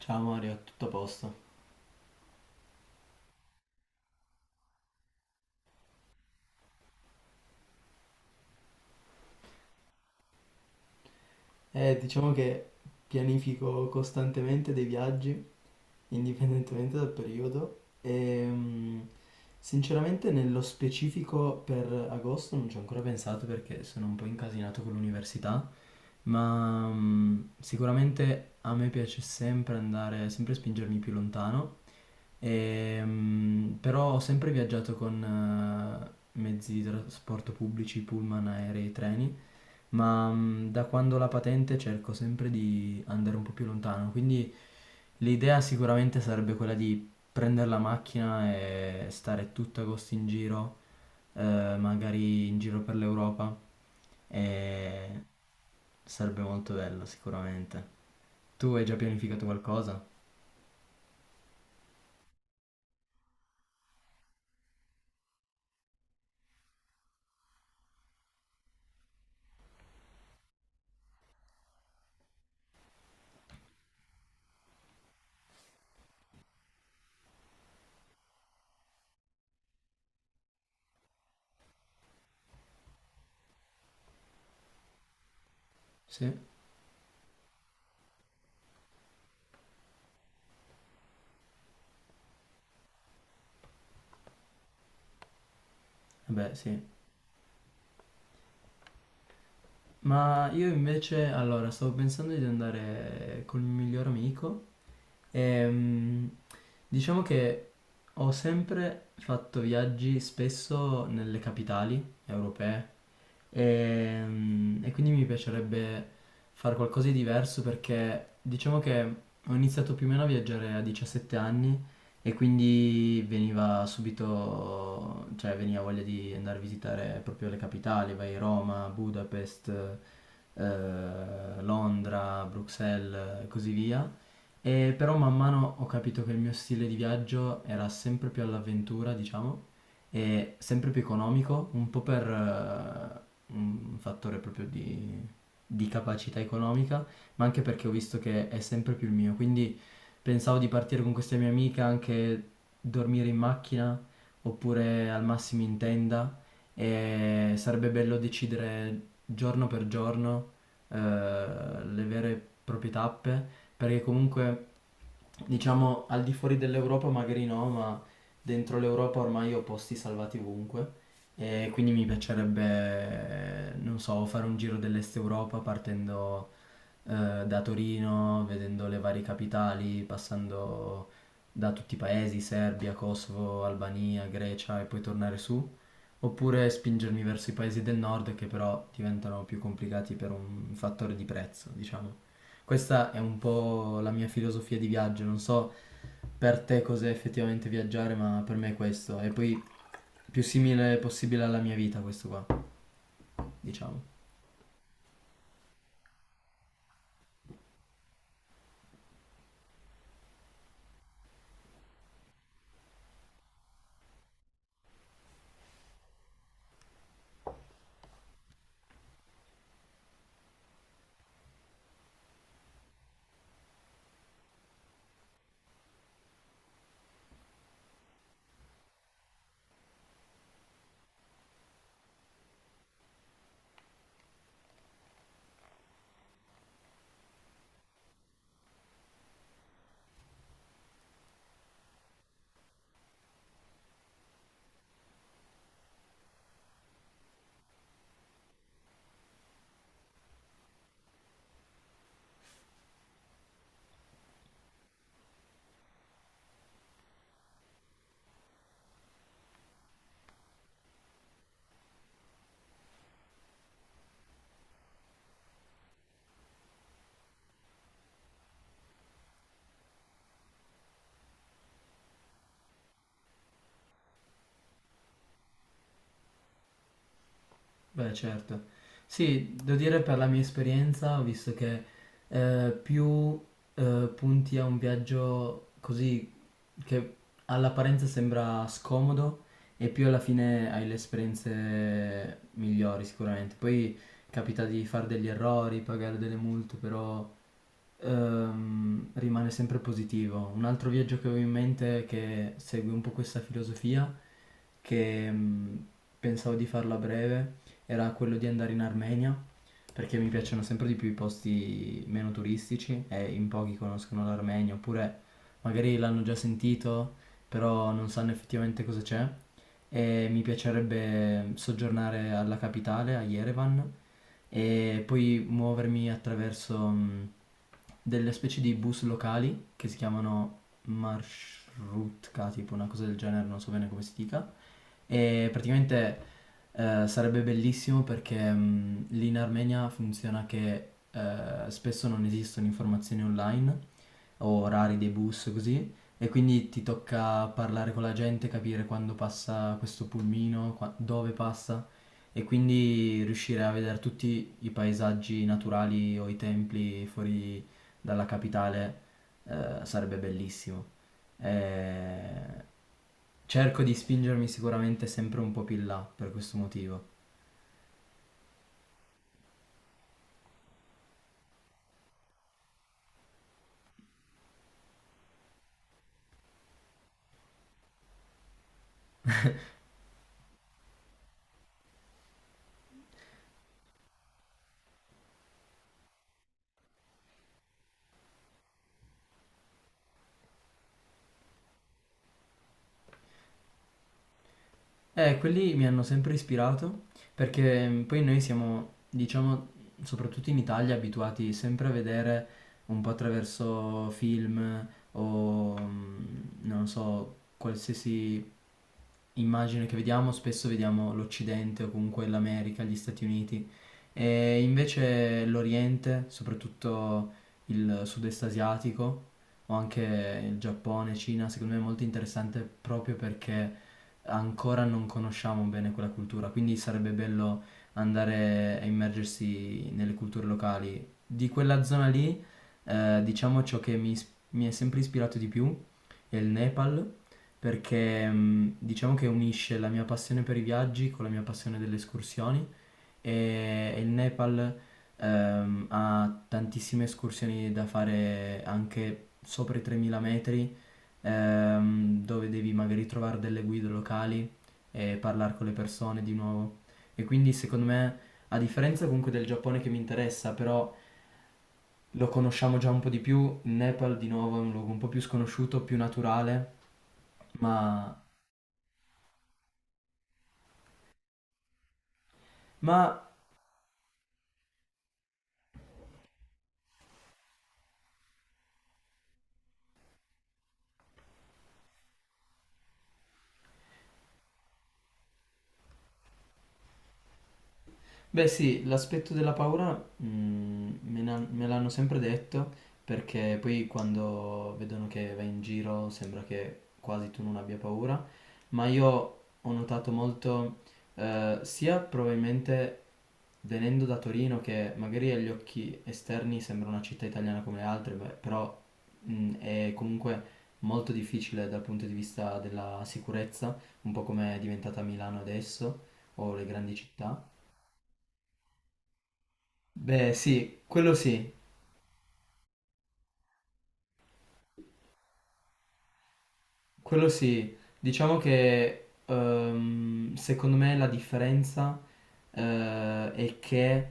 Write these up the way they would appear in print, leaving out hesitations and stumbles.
Ciao Mario, tutto a posto? Diciamo che pianifico costantemente dei viaggi, indipendentemente dal periodo, e sinceramente nello specifico per agosto non ci ho ancora pensato perché sono un po' incasinato con l'università, ma sicuramente a me piace sempre andare, sempre spingermi più lontano. Però ho sempre viaggiato con mezzi di trasporto pubblici, pullman, aerei, treni. Ma da quando ho la patente cerco sempre di andare un po' più lontano, quindi l'idea sicuramente sarebbe quella di prendere la macchina e stare tutto agosto in giro, magari in giro per l'Europa, e sarebbe molto bello sicuramente. Tu hai già pianificato qualcosa? Sì? Vabbè, sì. Ma io invece, allora, stavo pensando di andare col mio miglior amico e diciamo che ho sempre fatto viaggi spesso nelle capitali europee e quindi mi piacerebbe fare qualcosa di diverso perché diciamo che ho iniziato più o meno a viaggiare a 17 anni e quindi veniva subito, cioè veniva voglia di andare a visitare proprio le capitali, vai a Roma, Budapest, Londra, Bruxelles e così via. E però man mano ho capito che il mio stile di viaggio era sempre più all'avventura, diciamo, e sempre più economico, un po' per un fattore proprio di capacità economica, ma anche perché ho visto che è sempre più il mio. Quindi pensavo di partire con questa mia amica, anche dormire in macchina oppure al massimo in tenda e sarebbe bello decidere giorno per giorno eh, le vere e proprie tappe, perché comunque diciamo al di fuori dell'Europa magari no, ma dentro l'Europa ormai ho posti salvati ovunque. E quindi mi piacerebbe, non so, fare un giro dell'Est Europa partendo da Torino, vedendo le varie capitali, passando da tutti i paesi, Serbia, Kosovo, Albania, Grecia e poi tornare su, oppure spingermi verso i paesi del nord che però diventano più complicati per un fattore di prezzo, diciamo. Questa è un po' la mia filosofia di viaggio, non so per te cos'è effettivamente viaggiare, ma per me è questo, e poi più simile possibile alla mia vita questo qua, diciamo. Beh, certo. Sì, devo dire per la mia esperienza, ho visto che più punti a un viaggio così che all'apparenza sembra scomodo e più alla fine hai le esperienze migliori sicuramente. Poi capita di fare degli errori, pagare delle multe, però rimane sempre positivo. Un altro viaggio che avevo in mente che segue un po' questa filosofia che pensavo di farlo a breve era quello di andare in Armenia, perché mi piacciono sempre di più i posti meno turistici e in pochi conoscono l'Armenia, oppure magari l'hanno già sentito, però non sanno effettivamente cosa c'è. E mi piacerebbe soggiornare alla capitale, a Yerevan, e poi muovermi attraverso delle specie di bus locali che si chiamano Marshrutka, tipo una cosa del genere, non so bene come si dica. E praticamente sarebbe bellissimo perché lì in Armenia funziona che spesso non esistono informazioni online o orari dei bus così e quindi ti tocca parlare con la gente, capire quando passa questo pulmino, dove passa e quindi riuscire a vedere tutti i paesaggi naturali o i templi fuori dalla capitale. Sarebbe bellissimo. Eh, Cerco di spingermi sicuramente sempre un po' più in là per questo motivo. Quelli mi hanno sempre ispirato perché poi noi siamo, diciamo, soprattutto in Italia, abituati sempre a vedere un po' attraverso film o, non so, qualsiasi immagine che vediamo, spesso vediamo l'Occidente o comunque l'America, gli Stati Uniti. E invece l'Oriente, soprattutto il sud-est asiatico, o anche il Giappone, Cina, secondo me è molto interessante proprio perché ancora non conosciamo bene quella cultura, quindi sarebbe bello andare a immergersi nelle culture locali. Di quella zona lì, diciamo ciò che mi è sempre ispirato di più è il Nepal, perché diciamo che unisce la mia passione per i viaggi con la mia passione delle escursioni e il Nepal ha tantissime escursioni da fare anche sopra i 3.000 metri, dove devi magari trovare delle guide locali e parlare con le persone di nuovo. E quindi secondo me, a differenza comunque del Giappone che mi interessa, però lo conosciamo già un po' di più, il Nepal di nuovo è un luogo un po' più sconosciuto, più naturale. Ma, ma Beh sì, l'aspetto della paura, me l'hanno sempre detto perché poi quando vedono che vai in giro sembra che quasi tu non abbia paura, ma io ho notato molto sia probabilmente venendo da Torino che magari agli occhi esterni sembra una città italiana come le altre, beh, però è comunque molto difficile dal punto di vista della sicurezza, un po' come è diventata Milano adesso o le grandi città. Beh, sì, quello sì, quello sì. Diciamo che secondo me la differenza è che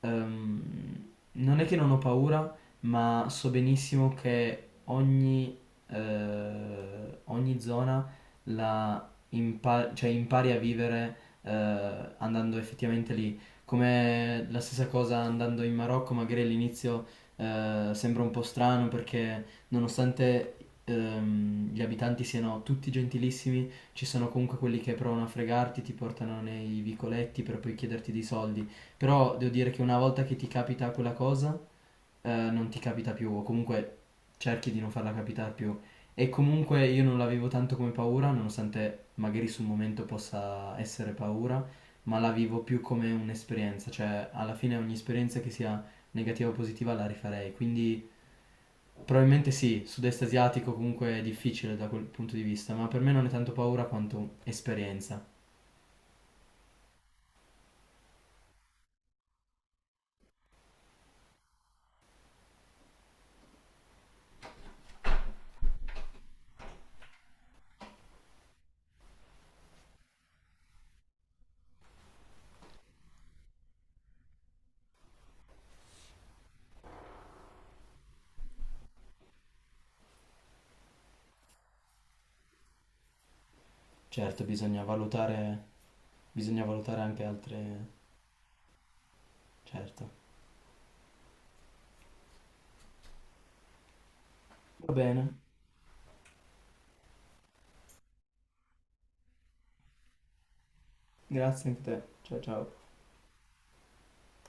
ehm, non è che non ho paura, ma so benissimo che ogni zona cioè impari a vivere eh, andando effettivamente lì. Come la stessa cosa andando in Marocco, magari all'inizio sembra un po' strano perché nonostante gli abitanti siano tutti gentilissimi, ci sono comunque quelli che provano a fregarti, ti portano nei vicoletti per poi chiederti dei soldi. Però devo dire che una volta che ti capita quella cosa, non ti capita più, o comunque cerchi di non farla capitare più. E comunque io non l'avevo tanto come paura, nonostante magari sul momento possa essere paura, ma la vivo più come un'esperienza, cioè alla fine ogni esperienza che sia negativa o positiva la rifarei, quindi. Probabilmente sì, sud-est asiatico comunque è difficile da quel punto di vista, ma per me non è tanto paura quanto esperienza. Certo, bisogna valutare anche altre. Certo. Va bene, grazie anche a te. Ciao ciao.